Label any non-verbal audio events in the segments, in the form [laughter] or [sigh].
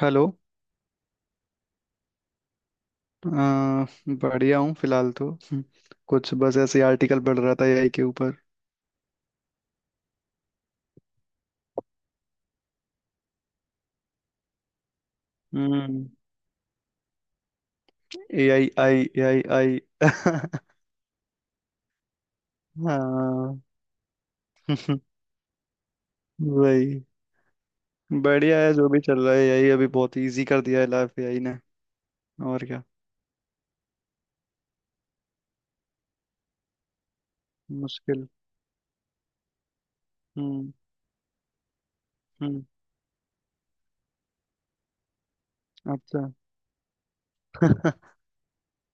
Hello. अ, बढ़िया हूँ फिलहाल तो, कुछ बस ऐसे ही आर्टिकल पढ़ रहा था एआई के ऊपर। हम्म। A I I A I आई। [laughs] हाँ। [laughs] वही। बढ़िया है जो भी चल रहा है। एआई अभी बहुत इजी कर दिया है लाइफ एआई ने। और क्या। मुश्किल। हम्म। हम्म। अच्छा। [laughs]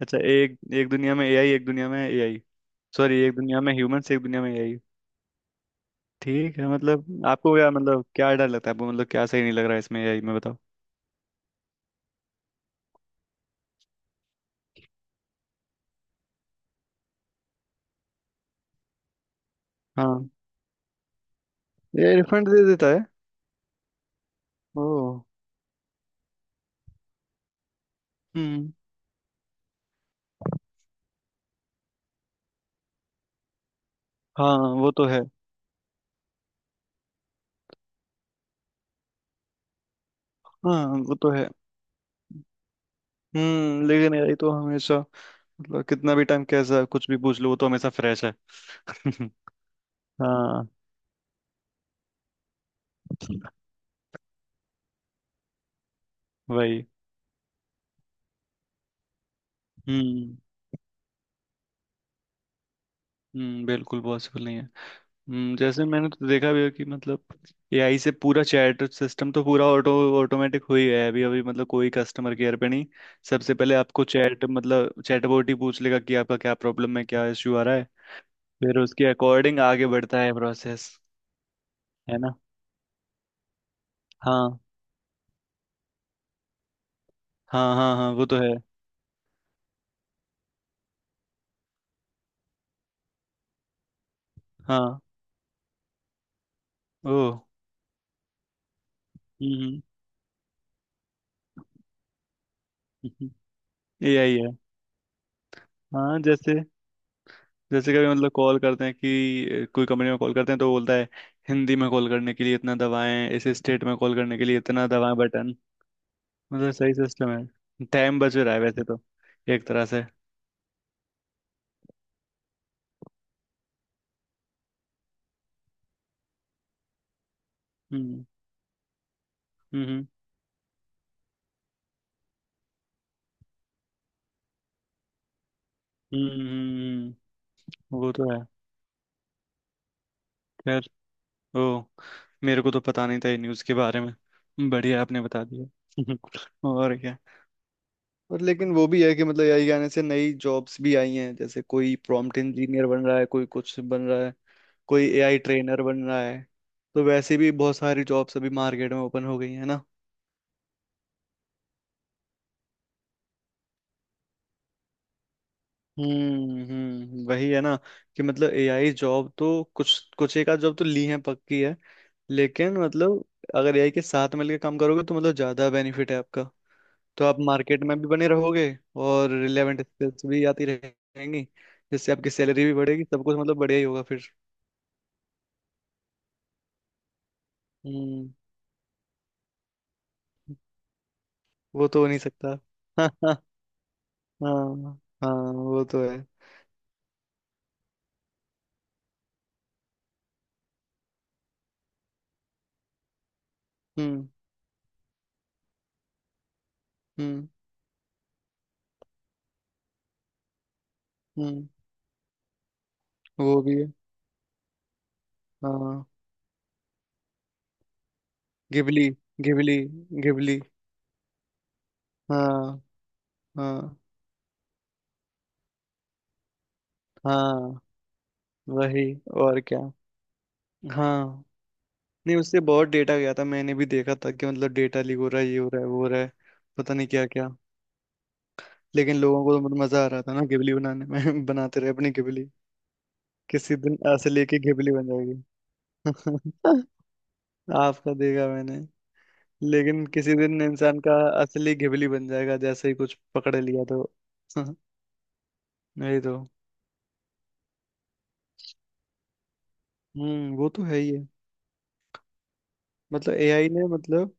अच्छा। एक एक दुनिया में एआई, एक दुनिया में एआई। सॉरी, एक दुनिया में ह्यूमंस, एक दुनिया में एआई। ठीक है। मतलब आपको क्या, मतलब क्या डर लगता है आपको, मतलब क्या सही नहीं लग रहा है इसमें एआई में। बताओ, ये रिफंड दे देता है। ओ। हम्म। हाँ वो तो है। हाँ वो तो है। हम्म। लेकिन यार ये तो हमेशा मतलब कितना भी टाइम, कैसा कुछ भी पूछ लो, वो तो हमेशा फ्रेश है। [laughs] हाँ। वही। हम्म। हम्म, बिल्कुल पॉसिबल नहीं है। हम्म। जैसे मैंने तो देखा भी है कि मतलब एआई से पूरा चैट सिस्टम तो पूरा ऑटोमेटिक हो ही गया है अभी अभी। मतलब कोई कस्टमर केयर पे नहीं। सबसे पहले आपको चैट मतलब चैटबॉट ही पूछ लेगा कि आपका क्या प्रॉब्लम है, क्या इश्यू आ रहा है। फिर उसके अकॉर्डिंग आगे बढ़ता है प्रोसेस। है ना? हाँ हाँ हाँ। हाँ वो तो है। हाँ। ओ। हम्म। हम्म। हम्म। हम्म। ए आई है। हाँ। जैसे जैसे कभी मतलब कॉल करते हैं कि कोई कंपनी में कॉल करते हैं तो बोलता है, हिंदी में कॉल करने के लिए इतना दबाएं, इस स्टेट में कॉल करने के लिए इतना दबाएं बटन। मतलब सही सिस्टम है, टाइम बच रहा है वैसे तो। एक तरह से। हम्म। हम्म। हम्म। हम्म। हम्म। वो तो है। खैर। ओ। मेरे को तो पता नहीं था ये न्यूज़ के बारे में। बढ़िया, आपने बता दिया। [laughs] और क्या। और लेकिन वो भी है कि मतलब एआई आने से नई जॉब्स भी आई हैं। जैसे कोई प्रॉम्प्ट इंजीनियर बन रहा है, कोई कुछ बन रहा है, कोई एआई ट्रेनर बन रहा है। तो वैसे भी बहुत सारी जॉब्स अभी मार्केट में ओपन हो गई है ना। हम्म। हम्म, वही है ना कि मतलब एआई जॉब तो कुछ कुछ एक आध जॉब तो ली है, पक्की है। लेकिन मतलब अगर एआई के साथ मिलकर काम करोगे तो मतलब ज्यादा बेनिफिट है आपका। तो आप मार्केट में भी बने रहोगे, और रिलेवेंट स्किल्स भी आती रहेंगी, जिससे आपकी सैलरी भी बढ़ेगी, सब कुछ मतलब बढ़िया ही होगा फिर। हम्म। वो तो हो नहीं सकता। [laughs] हाँ। हाँ हाँ वो तो है। हम्म। हम्म। हम्म। वो भी है। हाँ। घिबली। घिबली। घिबली। हाँ हाँ हाँ। वही। और क्या। हाँ। नहीं, उससे बहुत डेटा गया था। मैंने भी देखा था कि मतलब डेटा लीक हो रहा है, ये हो रहा है, वो हो रहा है, पता नहीं क्या क्या। लेकिन लोगों को तो मजा आ रहा था ना, घिबली बनाने में। [laughs] बनाते रहे अपनी घिबली। किसी दिन ऐसे लेके घिबली बन जाएगी। [laughs] आपका देखा मैंने। लेकिन किसी दिन इंसान का असली घिबली बन जाएगा, जैसे ही कुछ पकड़ लिया तो। [laughs] नहीं तो। हम्म, वो तो है ही है। मतलब एआई ने मतलब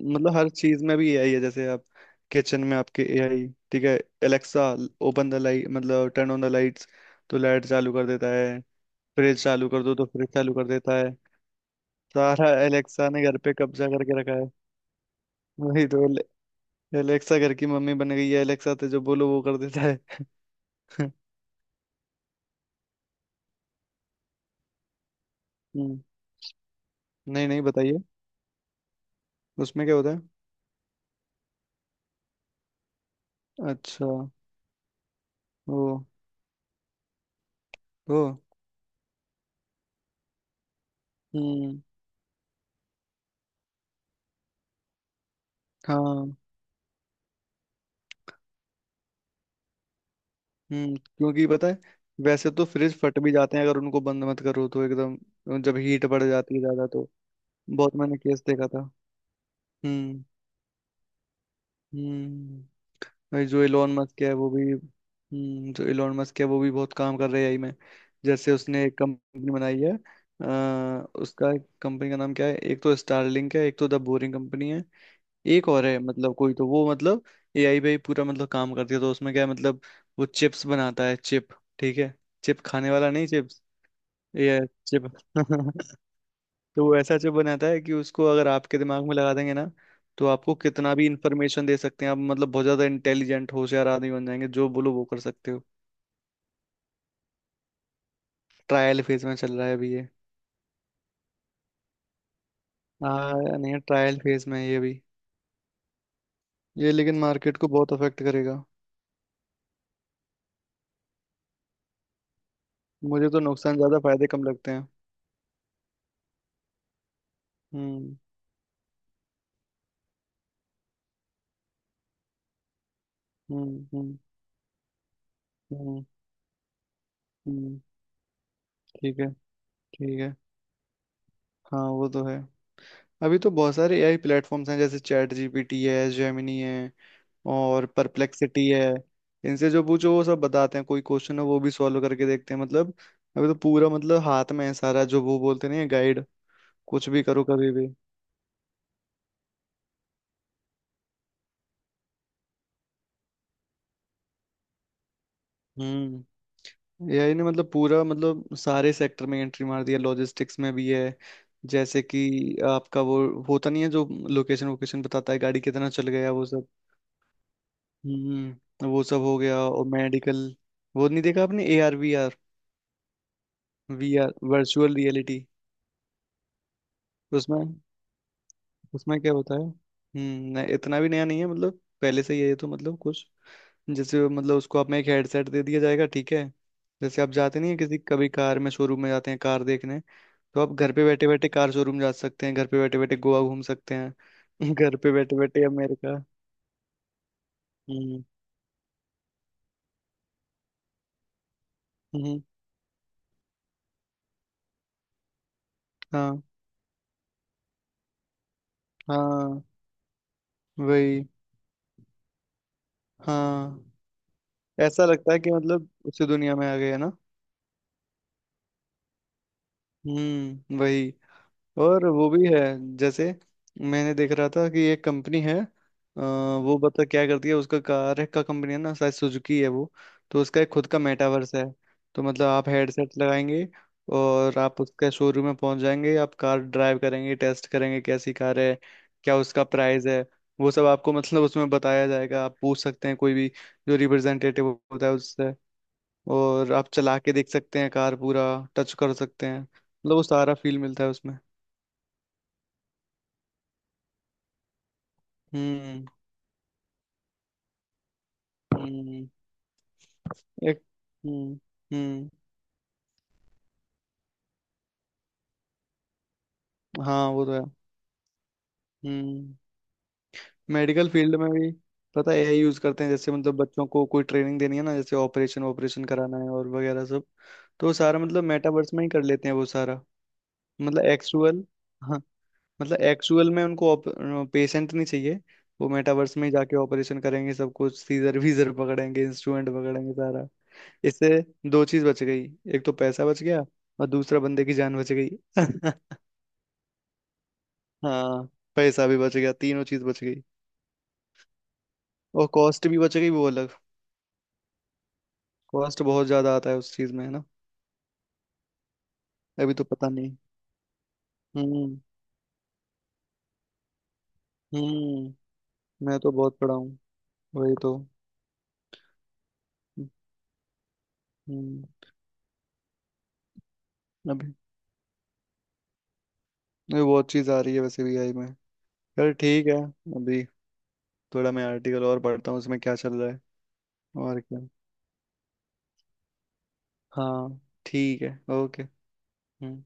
मतलब हर चीज में भी एआई है। जैसे आप किचन में, आपके एआई। ठीक है, एलेक्सा ओपन द लाइट मतलब टर्न ऑन द लाइट्स, तो लाइट चालू कर देता है। फ्रिज चालू कर दो तो फ्रिज चालू कर देता है। सारा एलेक्सा ने घर पे कब्जा करके रखा है। वही तो। एलेक्सा घर की मम्मी बन गई है, एलेक्सा तो जो बोलो वो कर देता है। [laughs] हम्म। नहीं, नहीं, बताइए उसमें क्या होता है। अच्छा। ओ। तो हम्म। हाँ। हम्म, क्योंकि पता है, वैसे तो फ्रिज फट भी जाते हैं अगर उनको बंद मत करो तो, एकदम जब हीट बढ़ जाती है ज्यादा तो। बहुत मैंने केस देखा था। हम्म। हम्म। भाई, जो इलोन मस्क है वो भी बहुत काम कर रहे हैं आई में। जैसे उसने एक कंपनी बनाई है। उसका कंपनी का नाम क्या है, एक तो स्टारलिंक है, एक तो द बोरिंग कंपनी है। एक और है, मतलब कोई तो वो, मतलब एआई पे ही पूरा मतलब काम करती है। तो उसमें क्या है मतलब, वो चिप्स बनाता है, चिप। ठीक है, चिप खाने वाला नहीं, चिप्स। ये चिप। [laughs] तो वो ऐसा चिप बनाता है कि उसको अगर आपके दिमाग में लगा देंगे ना, तो आपको कितना भी इंफॉर्मेशन दे सकते हैं। आप मतलब बहुत ज्यादा इंटेलिजेंट, होशियार आदमी बन जाएंगे, जो बोलो वो कर सकते हो। ट्रायल फेज में चल रहा है अभी ये। हाँ। नहीं, ट्रायल फेज में है ये भी। ये लेकिन मार्केट को बहुत अफेक्ट करेगा। मुझे तो नुकसान ज्यादा, फायदे कम लगते हैं। हम्म। हम्म। हम्म। हम्म। हम्म। ठीक है। ठीक है। हाँ वो तो है। अभी तो बहुत सारे एआई प्लेटफॉर्म्स हैं, जैसे चैट जीपीटी है, जेमिनी है, और परप्लेक्सिटी है। इनसे जो पूछो वो सब बताते हैं, कोई क्वेश्चन है वो भी सॉल्व करके देखते हैं मतलब। अभी तो पूरा मतलब हाथ में है सारा, जो वो बोलते नहीं है, गाइड। कुछ भी करो कभी भी। हम्म। एआई ने मतलब पूरा मतलब सारे सेक्टर में एंट्री मार दिया, लॉजिस्टिक्स में भी है। जैसे कि आपका वो होता नहीं है जो लोकेशन वोकेशन बताता है, गाड़ी कितना चल गया वो सब। हम्म, वो सब हो गया, और मेडिकल। वो नहीं देखा आपने A R V R? V R virtual reality. उसमें उसमें क्या होता है? हम्म, नहीं, इतना भी नया नहीं है, मतलब पहले से ही है ये तो मतलब, कुछ। जैसे मतलब उसको आप में एक हेडसेट दे दिया जाएगा, ठीक है। जैसे आप जाते नहीं है किसी कभी कार में, शोरूम में जाते हैं कार देखने। तो आप घर पे बैठे बैठे कार शोरूम जा सकते हैं, घर पे बैठे बैठे गोवा घूम सकते हैं, [laughs] घर पे बैठे बैठे अमेरिका। हम्म। हम्म। हाँ। हाँ। वही। हाँ। ऐसा लगता है कि मतलब उसी दुनिया में आ गए है ना। हम्म, वही। और वो भी है, जैसे मैंने देख रहा था कि एक कंपनी है, वो बता क्या करती है। उसका कार है का कंपनी है ना, शायद सुजुकी है वो। तो उसका एक खुद का मेटावर्स है। तो मतलब आप हेडसेट लगाएंगे, और आप उसके शोरूम में पहुंच जाएंगे, आप कार ड्राइव करेंगे, टेस्ट करेंगे कैसी कार है, क्या उसका प्राइस है। वो सब आपको मतलब उसमें बताया जाएगा, आप पूछ सकते हैं कोई भी, जो रिप्रेजेंटेटिव होता है उससे। और आप चला के देख सकते हैं कार पूरा, टच कर सकते हैं मतलब, वो सारा फील मिलता है उसमें। हम्म। हम्म। एक। हम्म। हम्म। हाँ वो तो है। हम्म। मेडिकल फील्ड में भी पता है एआई यूज करते हैं। जैसे मतलब बच्चों को कोई ट्रेनिंग देनी है ना, जैसे ऑपरेशन ऑपरेशन कराना है और वगैरह सब, तो वो सारा मतलब मेटावर्स में ही कर लेते हैं वो सारा। मतलब एक्चुअल। हाँ, मतलब एक्चुअल में उनको पेशेंट नहीं चाहिए। वो मेटावर्स में ही जाके ऑपरेशन करेंगे, सब कुछ, सीजर वीजर पकड़ेंगे, इंस्ट्रूमेंट पकड़ेंगे सारा। इससे दो चीज बच गई, एक तो पैसा बच गया, और दूसरा बंदे की जान बच गई। [laughs] हाँ, पैसा भी बच गया, तीनों चीज बच गई। और कॉस्ट भी बच गई, वो अलग। कॉस्ट बहुत ज्यादा आता है उस चीज में है ना। अभी तो पता नहीं। हम्म। हम्म। मैं तो बहुत पढ़ा हूँ। वही तो। हम्म। अभी अभी बहुत चीज आ रही है वैसे भी आई में। चल, ठीक है। अभी थोड़ा मैं आर्टिकल और पढ़ता हूँ, उसमें क्या चल रहा है और क्या। हाँ ठीक है, ओके। हम्म।